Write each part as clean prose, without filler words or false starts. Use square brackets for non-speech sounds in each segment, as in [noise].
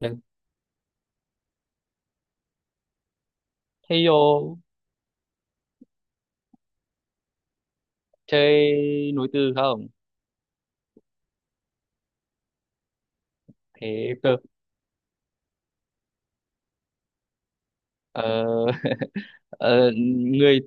Đấy. Thế vô chơi nối từ không? Thế cơ. Ờ, [laughs] ờ, người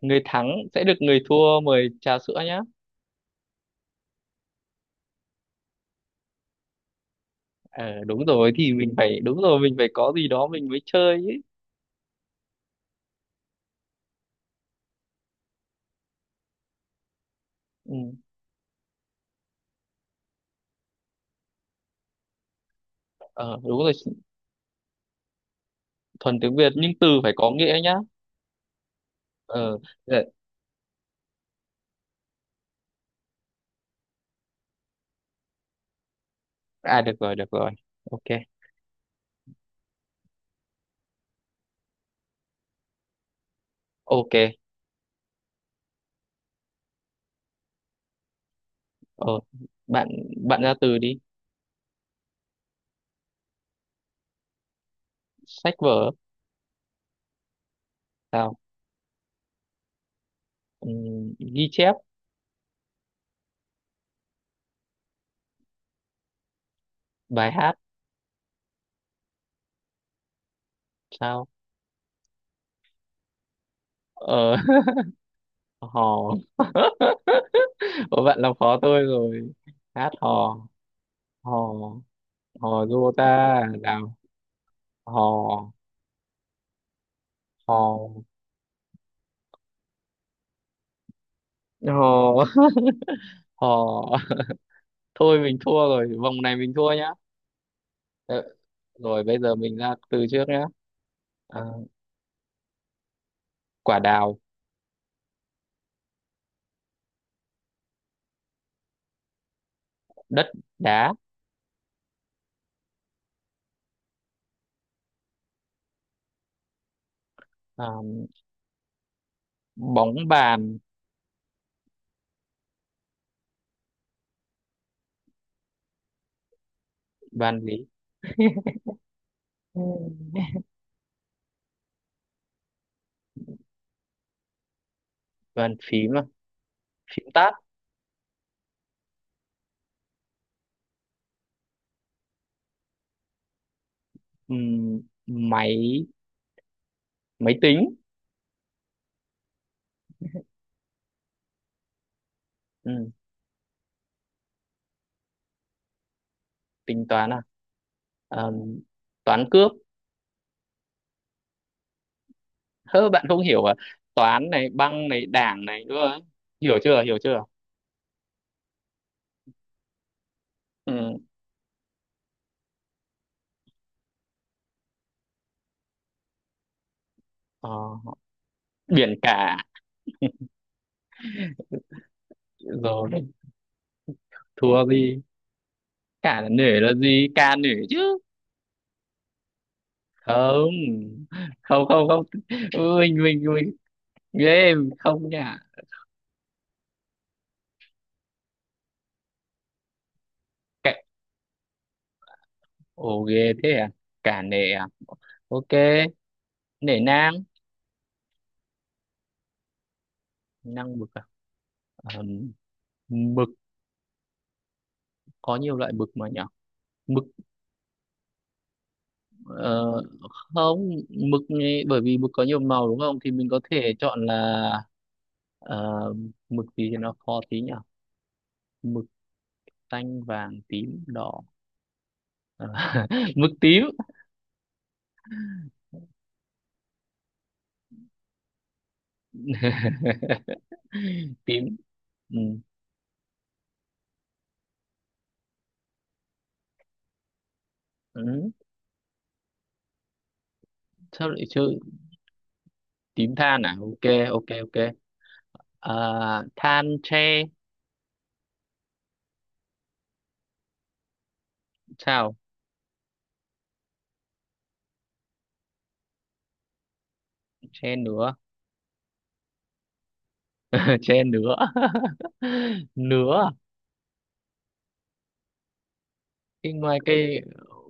người thắng sẽ được người thua mời trà sữa nhá. Ờ, Đúng rồi thì mình phải đúng rồi mình phải có gì đó mình mới chơi ấy. Ừ. Ờ, Đúng rồi thuần tiếng Việt nhưng từ phải có nghĩa nhá. Ờ, ờ, Được rồi được rồi. Ok ok. Ờ, bạn bạn ra từ đi. Sách vở sao? Ừ, ghi chép bài hát sao? Ờ, [laughs] hò. [laughs] Ủa bạn làm khó tôi rồi, hát hò, hò hò du ta nào, hò hò hò, [laughs] hò. Thôi mình thua rồi, vòng này mình thua nhá. Ờ, Rồi bây giờ mình ra từ trước nhá. À, quả đào. Đất đá. À, bóng bàn. Bàn gì? Ừ. Bàn phím à? Phím tát. Ừm, máy máy tính. Ừm, Tính toán à? Ờ, Toán cướp. Hơ, bạn không hiểu à? Toán này băng này đảng này nữa ấy. Hiểu chưa hiểu chưa? Ừ. ờ, Biển cả. Rồi. Thua gì? Cả là nể là gì, ca nể chứ? Không không không không. Ừ, mình ghê không nha. Cả. Ồ, ghê thế à? Cả nể à? Ok. Nể nang. Nang mực à? Ờ, mực có nhiều loại mực mà nhỉ. Mực. Ờ, Không mực ấy, bởi vì mực có nhiều màu đúng không thì mình có thể chọn là ờ, mực gì thì nó khó tí nhỉ. Mực xanh vàng tím đỏ. Ờ, [laughs] mực tím. [laughs] Tím. Ừ. Ừ. Sao lại chơi? Tím than à? Ok ok ok. À, than tre. Sao? Tre nứa. [laughs] Tre nứa. [laughs] Nứa à? Cái ngoài cây,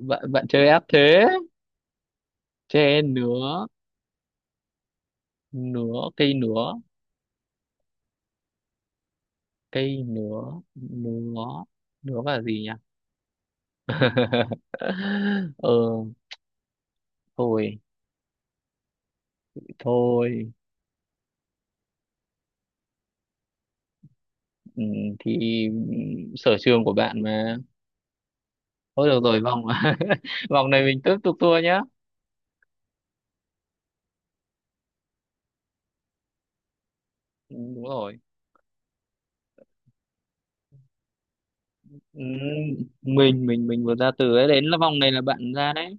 bạn bạn chơi ép thế. Tre nứa, nứa cây nứa, cây nứa, nứa nứa và gì nhỉ? [laughs] ờ Thôi thôi. Ừ, thì sở trường của bạn mà. Thôi được rồi, vòng. [laughs] Vòng này mình tiếp tục thua nhá. Ừ, đúng rồi. Ừ, mình vừa ra từ ấy đến là vòng này là bạn ra đấy.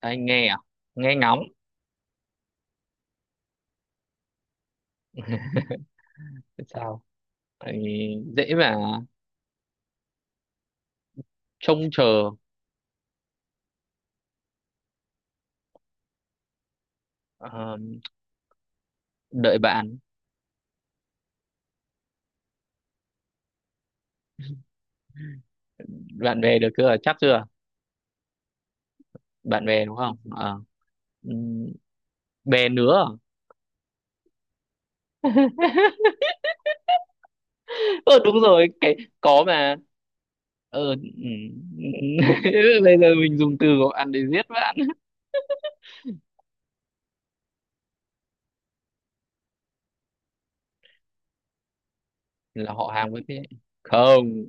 Anh nghe à? Nghe ngóng. Sao? Tại. Dễ mà. Trông chờ. ờ, Đợi bạn. Bạn về được chưa, chắc chưa? Bạn bè đúng không? Ờ. Ừm, Bè nữa à? [laughs] Ờ Đúng rồi cái có mà ờ ừm. [laughs] Bây giờ mình dùng từ của bạn để giết bạn. [laughs] Là họ hàng với thế. Không.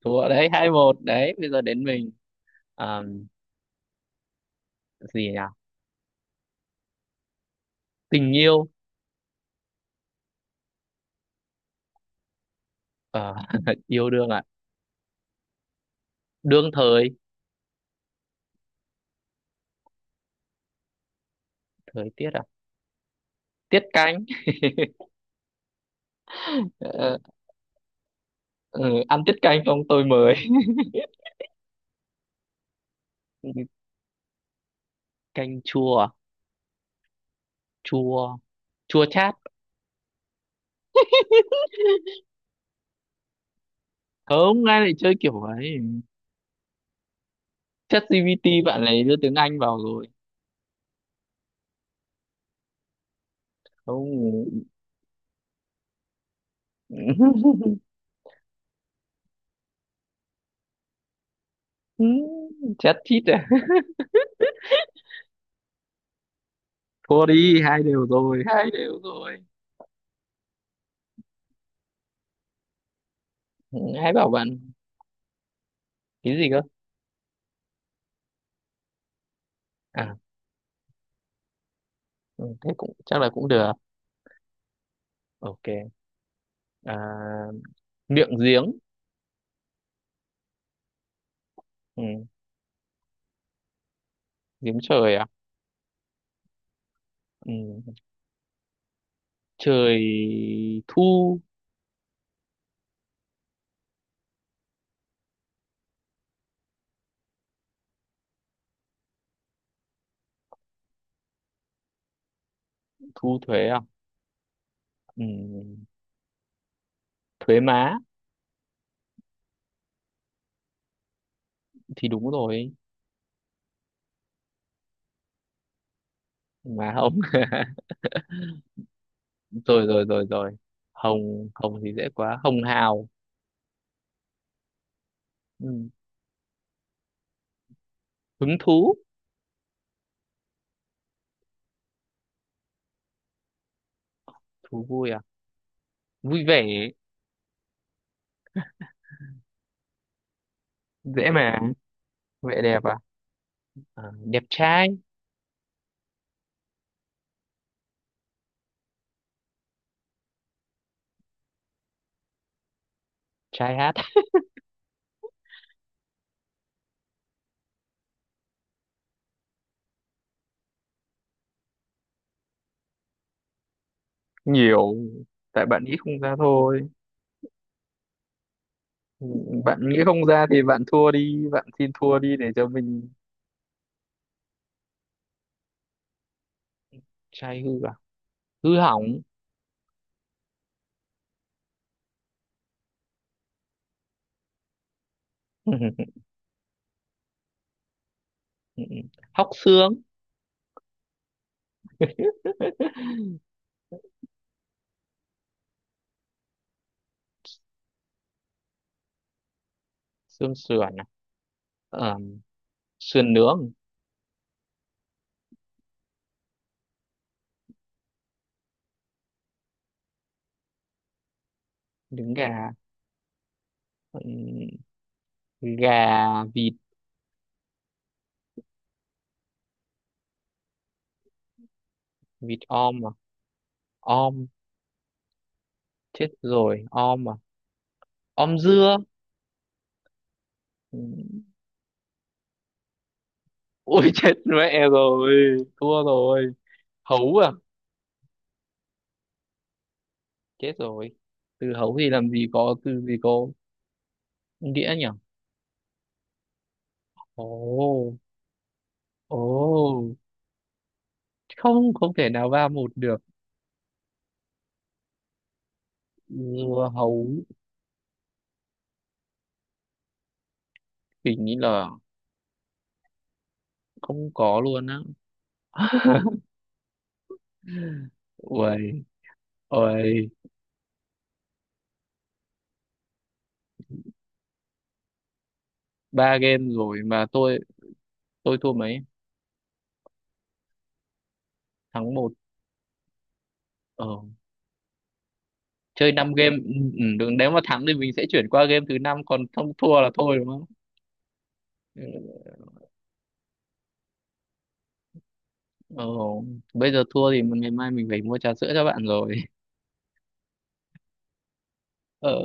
Thua đấy, 2-1 đấy. Bây giờ đến mình. À, gì nhỉ? Tình yêu. Ờ, [laughs] yêu đương à? Đương thời. Thời tiết à? Tiết canh. Ờ, ừ, ăn tiết canh xong tôi mới. [laughs] Canh chua à? Chua, chua chát. [laughs] Không ai lại chơi kiểu ấy. ChatGPT, bạn này đưa tiếng Anh vào rồi. Không. [laughs] Chat chít à? [laughs] Thôi đi, hai đều rồi, hai đều rồi. Ừ, hãy bảo bạn. Cái gì cơ? À, ừ, thế cũng chắc là cũng được. Ok. À, miệng giếng. Ừ, giếng trời à? Ừ, trời thu. Thu thuế à? Ừ, thuế má thì đúng rồi. Má không. [laughs] Rồi rồi rồi rồi, hồng hồng thì dễ quá, hồng hào. Ừ. Hứng thú. Thú vui à? Vui vẻ. Dễ mà. Vẻ đẹp à? À, đẹp trai. Trai hát. [laughs] Nhiều. Tại bạn nghĩ không ra thôi. Ừ, bạn nghĩ không ra thì bạn thua đi, bạn xin thua đi để cho mình. Trai hư à? Hư hỏng. [laughs] Hóc xương. [laughs] Xương sườn à? Ờ, Sườn nướng. Trứng gà. Ừ, gà vịt. Vịt om à? Om. Chết rồi, om à? Om dưa. Ừ. Ui, [laughs] chết mẹ rồi, thua rồi. Hấu à? Chết rồi. Từ hấu thì làm gì có từ gì có nghĩa nhỉ? Ồ. Ồ, không không thể nào 3-1 được. Dưa hấu thì nghĩ là không có luôn á. [laughs] Uầy, uầy. Ba game rồi mà tôi thua mấy? Thắng một. Ờ, Chơi năm game. Ừ, ừ, đừng nếu mà thắng thì mình sẽ chuyển qua game thứ năm còn không thua là thôi đúng không? Ừ. Ồ, bây giờ thua thì ngày mai mình phải mua trà sữa cho bạn rồi. [laughs] Ờ,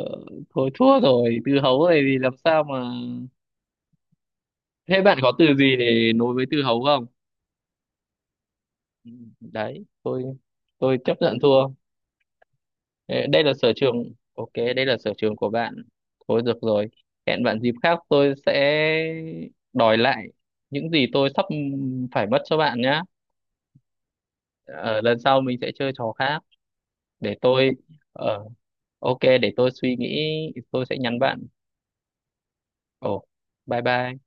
Thôi thua rồi, từ hấu này thì làm sao mà... Thế bạn có từ gì để nối với từ hấu không? Ừ, đấy, tôi chấp nhận thua. Ê, đây là sở trường, ok, đây là sở trường của bạn. Thôi được rồi, hẹn bạn dịp khác tôi sẽ đòi lại những gì tôi sắp phải mất cho bạn nhá. Ờ, Lần sau mình sẽ chơi trò khác để tôi... Ờ, ok, để tôi suy nghĩ, tôi sẽ nhắn bạn. Ồ, bye bye.